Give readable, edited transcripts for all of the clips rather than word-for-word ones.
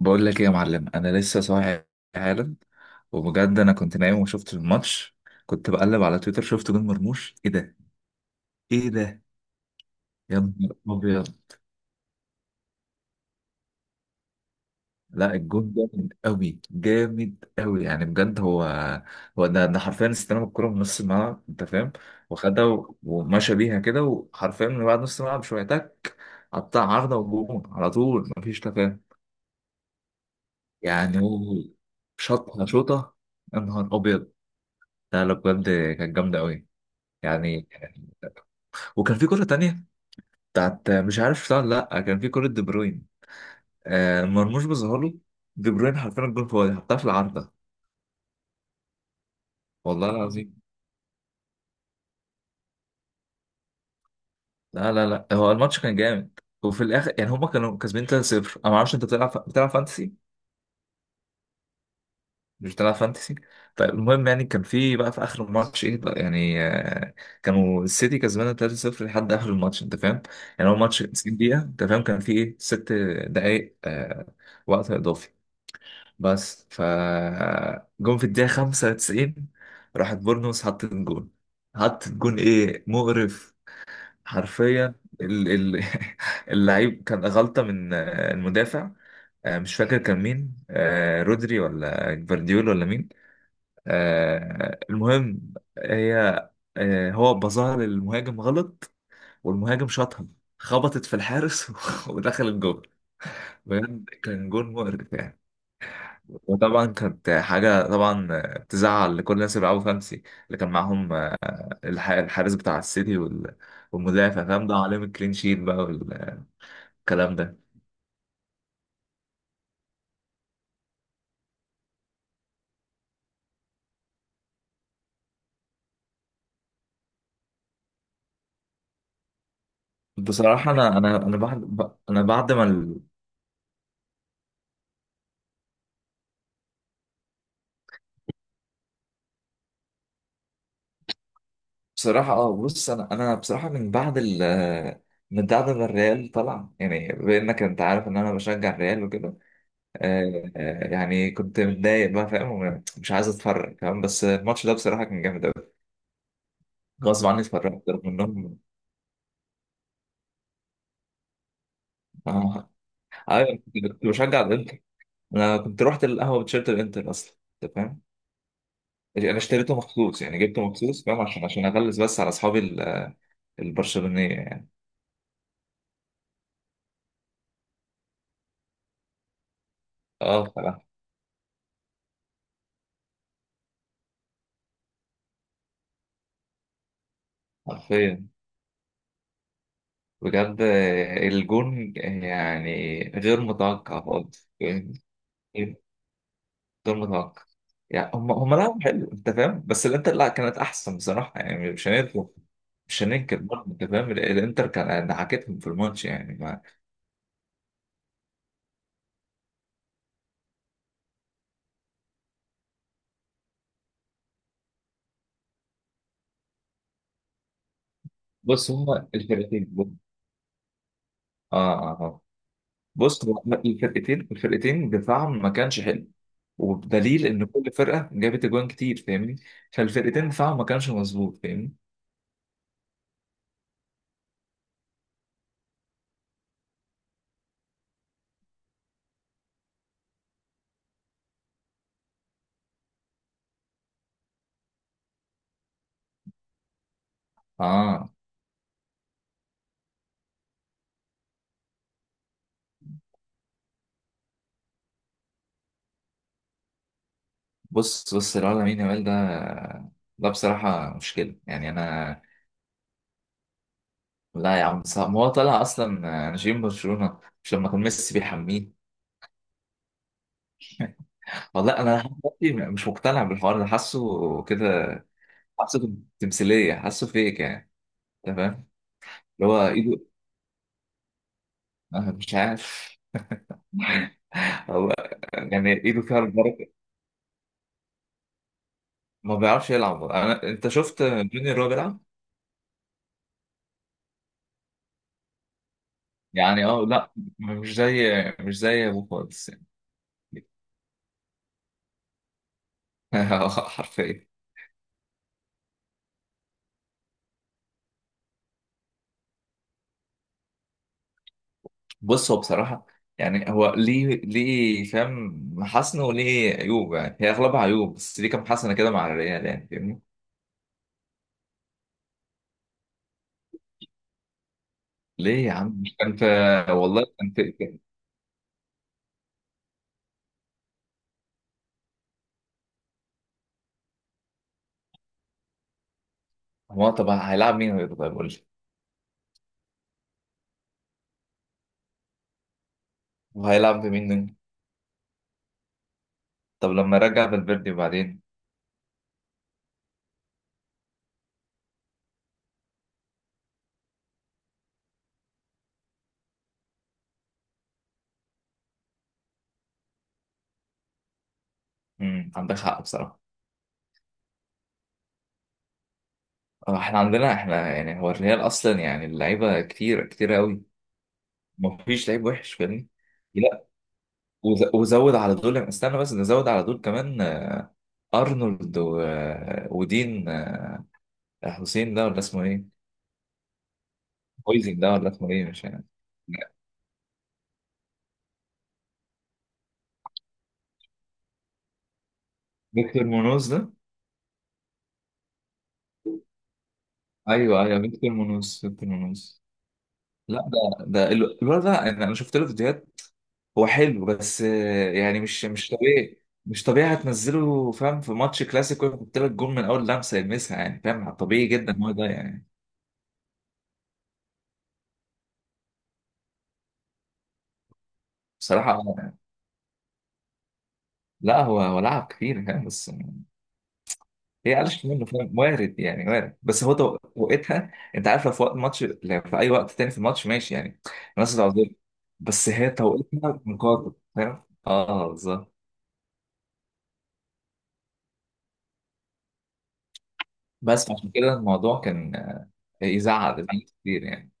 بقول لك ايه يا معلم، انا لسه صاحي حالا. وبجد انا كنت نايم وشفت الماتش. كنت بقلب على تويتر شفت جون مرموش. ايه ده؟ ايه ده؟ يا نهار ابيض. لا، الجون جامد قوي جامد قوي، يعني بجد هو ده حرفيا استلم الكرة من نص الملعب، انت فاهم. وخدها و- ومشى بيها كده، وحرفيا من بعد نص الملعب شويه تك، قطع عارضه وجون على طول، مفيش تفاهم. يعني هو، شاطها شوطه. يا نهار ابيض. لا لا، بجد كانت جامده قوي يعني. وكان في كرة تانية بتاعت، مش عارف شفتها ولا لا، كان في كرة دي بروين، آه مرموش بظهر له، دي بروين حرفيا الجول فاضي حطها في العارضة. والله العظيم. لا لا لا، هو الماتش كان جامد وفي الاخر يعني هما كانوا كسبانين 3-0. انا ما اعرفش، انت بتلعب فانتسي؟ مش بتلعب فانتسي؟ طيب المهم يعني كان في بقى في اخر الماتش ايه بقى يعني كانوا السيتي كسبانه 3-0 لحد اخر الماتش، انت فاهم. يعني هو ماتش 90 دقيقة، انت فاهم؟ كان في ايه، ست دقايق وقت اضافي. بس جون في الدقيقة 95. راحت بورنموث حطت جون، حطت جون، ايه مقرف! حرفيا ال- ال- اللعيب كان غلطة من المدافع. مش فاكر كان مين، رودري ولا جفارديول ولا مين. المهم هي، هو بظهر للمهاجم غلط. والمهاجم شاطها، خبطت في الحارس ودخل الجون. بجد كان جون مقرف يعني. وطبعا كانت حاجة طبعا تزعل لكل الناس اللي بيلعبوا خمسي اللي كان معاهم، الحارس بتاع السيتي والمدافع، فاهم؟ ده عليهم الكلين شيت بقى والكلام ده. بصراحة أنا أنا بعد ما ال... بصراحة بص، أنا بصراحة من بعد ما الريال طلع، يعني بإنك أنت عارف إن أنا بشجع الريال وكده. يعني كنت متضايق بقى، فاهم، ومش عايز أتفرج، فاهم، بس الماتش ده بصراحة كان جامد أوي. غصب عني اتفرجت رغم إنهم ايوه، كنت بشجع الانتر. انا كنت رحت القهوه بتيشيرت الانتر اصلا، انت فاهم. انا اشتريته مخصوص يعني جبته مخصوص، فاهم، عشان اغلس بس على اصحابي البرشلونيه يعني. اه بصراحه. حرفيا. بجد الجون يعني غير متوقع خالص يعني. إيه، غير متوقع. يعني هم لعبوا حلو، انت فاهم، بس الانتر لا، كانت احسن بصراحه يعني، مش هننكر برضه، انت فاهم. الانتر كان دعكتهم في الماتش يعني ما. بص هم الفرقتين، اه اه آه. بص هو الفرقتين دفاعهم ما كانش حلو. وبدليل ان كل فرقه جابت اجوان كتير، فاهمني؟ فالفرقتين دفاعهم ما كانش مظبوط، فاهمين؟ اه. بص الواد لامين يامال ده بصراحه مشكله يعني انا. لا يا عم صعب، ما هو طلع اصلا نجيم برشلونه مش لما كان ميسي بيحميه. والله انا لحد دلوقتي مش مقتنع بالحوار ده، حاسه كده، حاسه تمثيليه، حاسه فيك يعني، انت فاهم. اللي هو ايده، أنا مش عارف. هو يعني ايده فيها البركه. ما بيعرفش يلعب، انا انت شفت جونيور وهو بيلعب يعني. اه لا، مش زي مش زي ابوه خالص يعني. حرفيا. بص هو بصراحه، يعني هو ليه فاهم محاسنه وليه عيوب، يعني هي اغلبها عيوب بس ليه كام حسنه كده مع الريال يعني، فاهمني. ليه يا عم؟ مش كان في، والله كان في هو طب هيلعب مين غيره؟ طيب قول لي، وهيلعب بمين تاني؟ طب لما رجع فالفيردي بعدين. عندك حق بصراحه. احنا عندنا، احنا يعني هو الريال اصلا يعني اللعيبه كتير كتير قوي. مفيش لعيب وحش، فاهمني. لا، وزود على دول، استنى بس نزود على دول كمان، ارنولد و... ودين، حسين ده ولا اسمه ايه؟ هويزن ده ولا اسمه ايه؟ مش يعني. فيكتور مونوز ده؟ ايوه ايوه، فيكتور مونوز فيكتور مونوز. لا ده، الولد ده، انا شفت له فيديوهات. هو حلو، بس يعني مش طبيعي مش طبيعي، هتنزله فاهم في ماتش كلاسيكو يحط لك جول من اول لمسه يلمسها، يعني فاهم طبيعي جدا هو ده يعني. بصراحه لا، هو لعب كتير، فاهم، بس هي قلشت منه، فاهم، وارد يعني وارد. بس هو وقتها انت عارف، لو في وقت ماتش لو في اي وقت تاني في الماتش ماشي يعني. الناس العظيم. بس هي توقيتها مقاطع، فاهم، اه بالظبط. بس عشان كده الموضوع كان يزعل كتير يعني.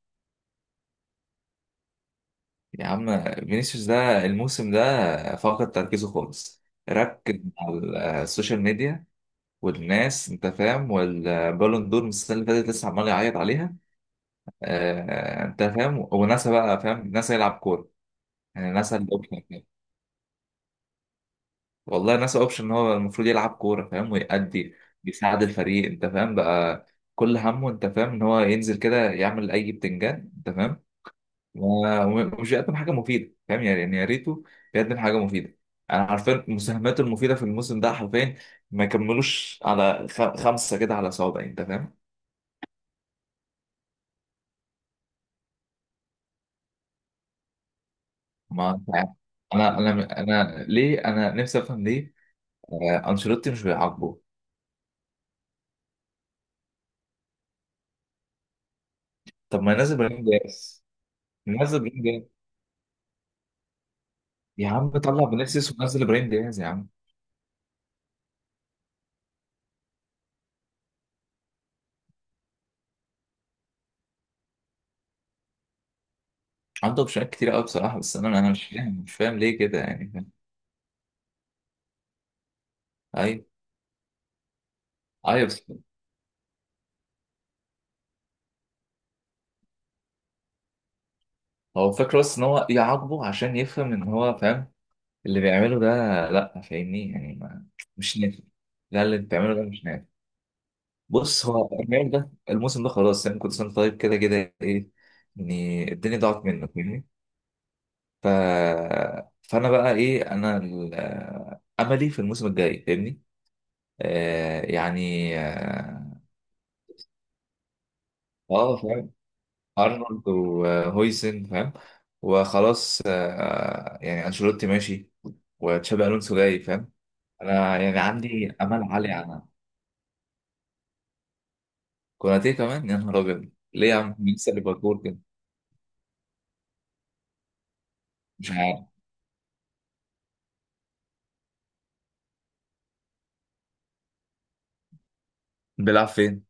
يا عم فينيسيوس ده الموسم ده فقد تركيزه خالص. ركز على السوشيال ميديا والناس، انت فاهم، والبالون دور من السنه اللي فاتت لسه عمال يعيط عليها، انت فاهم. وناسا بقى فاهم، ناسا يلعب كوره. يعني ناسا الاوبشن كده. والله ناسا اوبشن ان هو المفروض يلعب كوره، فاهم، ويأدي، بيساعد الفريق، انت فاهم بقى، كل همه انت فاهم ان هو ينزل كده يعمل اي بتنجان، انت فاهم، و- ومش بيقدم حاجه مفيده، فاهم يعني يا ريته بيقدم حاجه مفيده. انا عارفين مساهماته المفيده في الموسم ده، حرفيا ما كملوش على خمسه كده على صوابع، انت فاهم. ما انت عارف. انا ليه، انا نفسي افهم ليه، انشيلوتي مش بيعاقبه. طب ما ينزل ابراهيم دياز. نزل ابراهيم دياز يا عم، طلع بنفسس ونزل ابراهيم دياز يا عم. عنده اوبشنات كتير قوي بصراحه، بس انا مش فاهم مش فاهم ليه كده يعني، فاهم. ايوه ايوه، بس هو فاكر بس ان هو يعاقبه عشان يفهم ان هو فاهم اللي بيعمله ده. لا فاهمني يعني، ما، مش نافع. لا اللي بتعمله ده مش نافع. بص هو الريال ده الموسم ده خلاص يعني، كنت سنة طيب كده كده ايه، يعني الدنيا ضاعت منه فاهمني. ف... فانا بقى ايه، انا املي في الموسم الجاي، فاهمني، آه يعني اه. فاهم. ارنولد وهويسن فاهم، وخلاص آه يعني، انشيلوتي ماشي، وتشابي الونسو جاي، فاهم. انا يعني عندي امل عالي. كوناتي كمان يا نهار ابيض، ليه يا عم؟ مين لسه ليفربول كده. مش عارف. بيلعب فين؟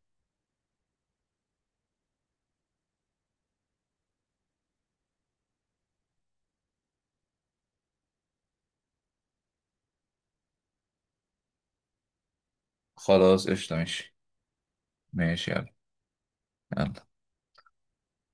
خلاص قشطة، ماشي. ماشي، يلا، يلا.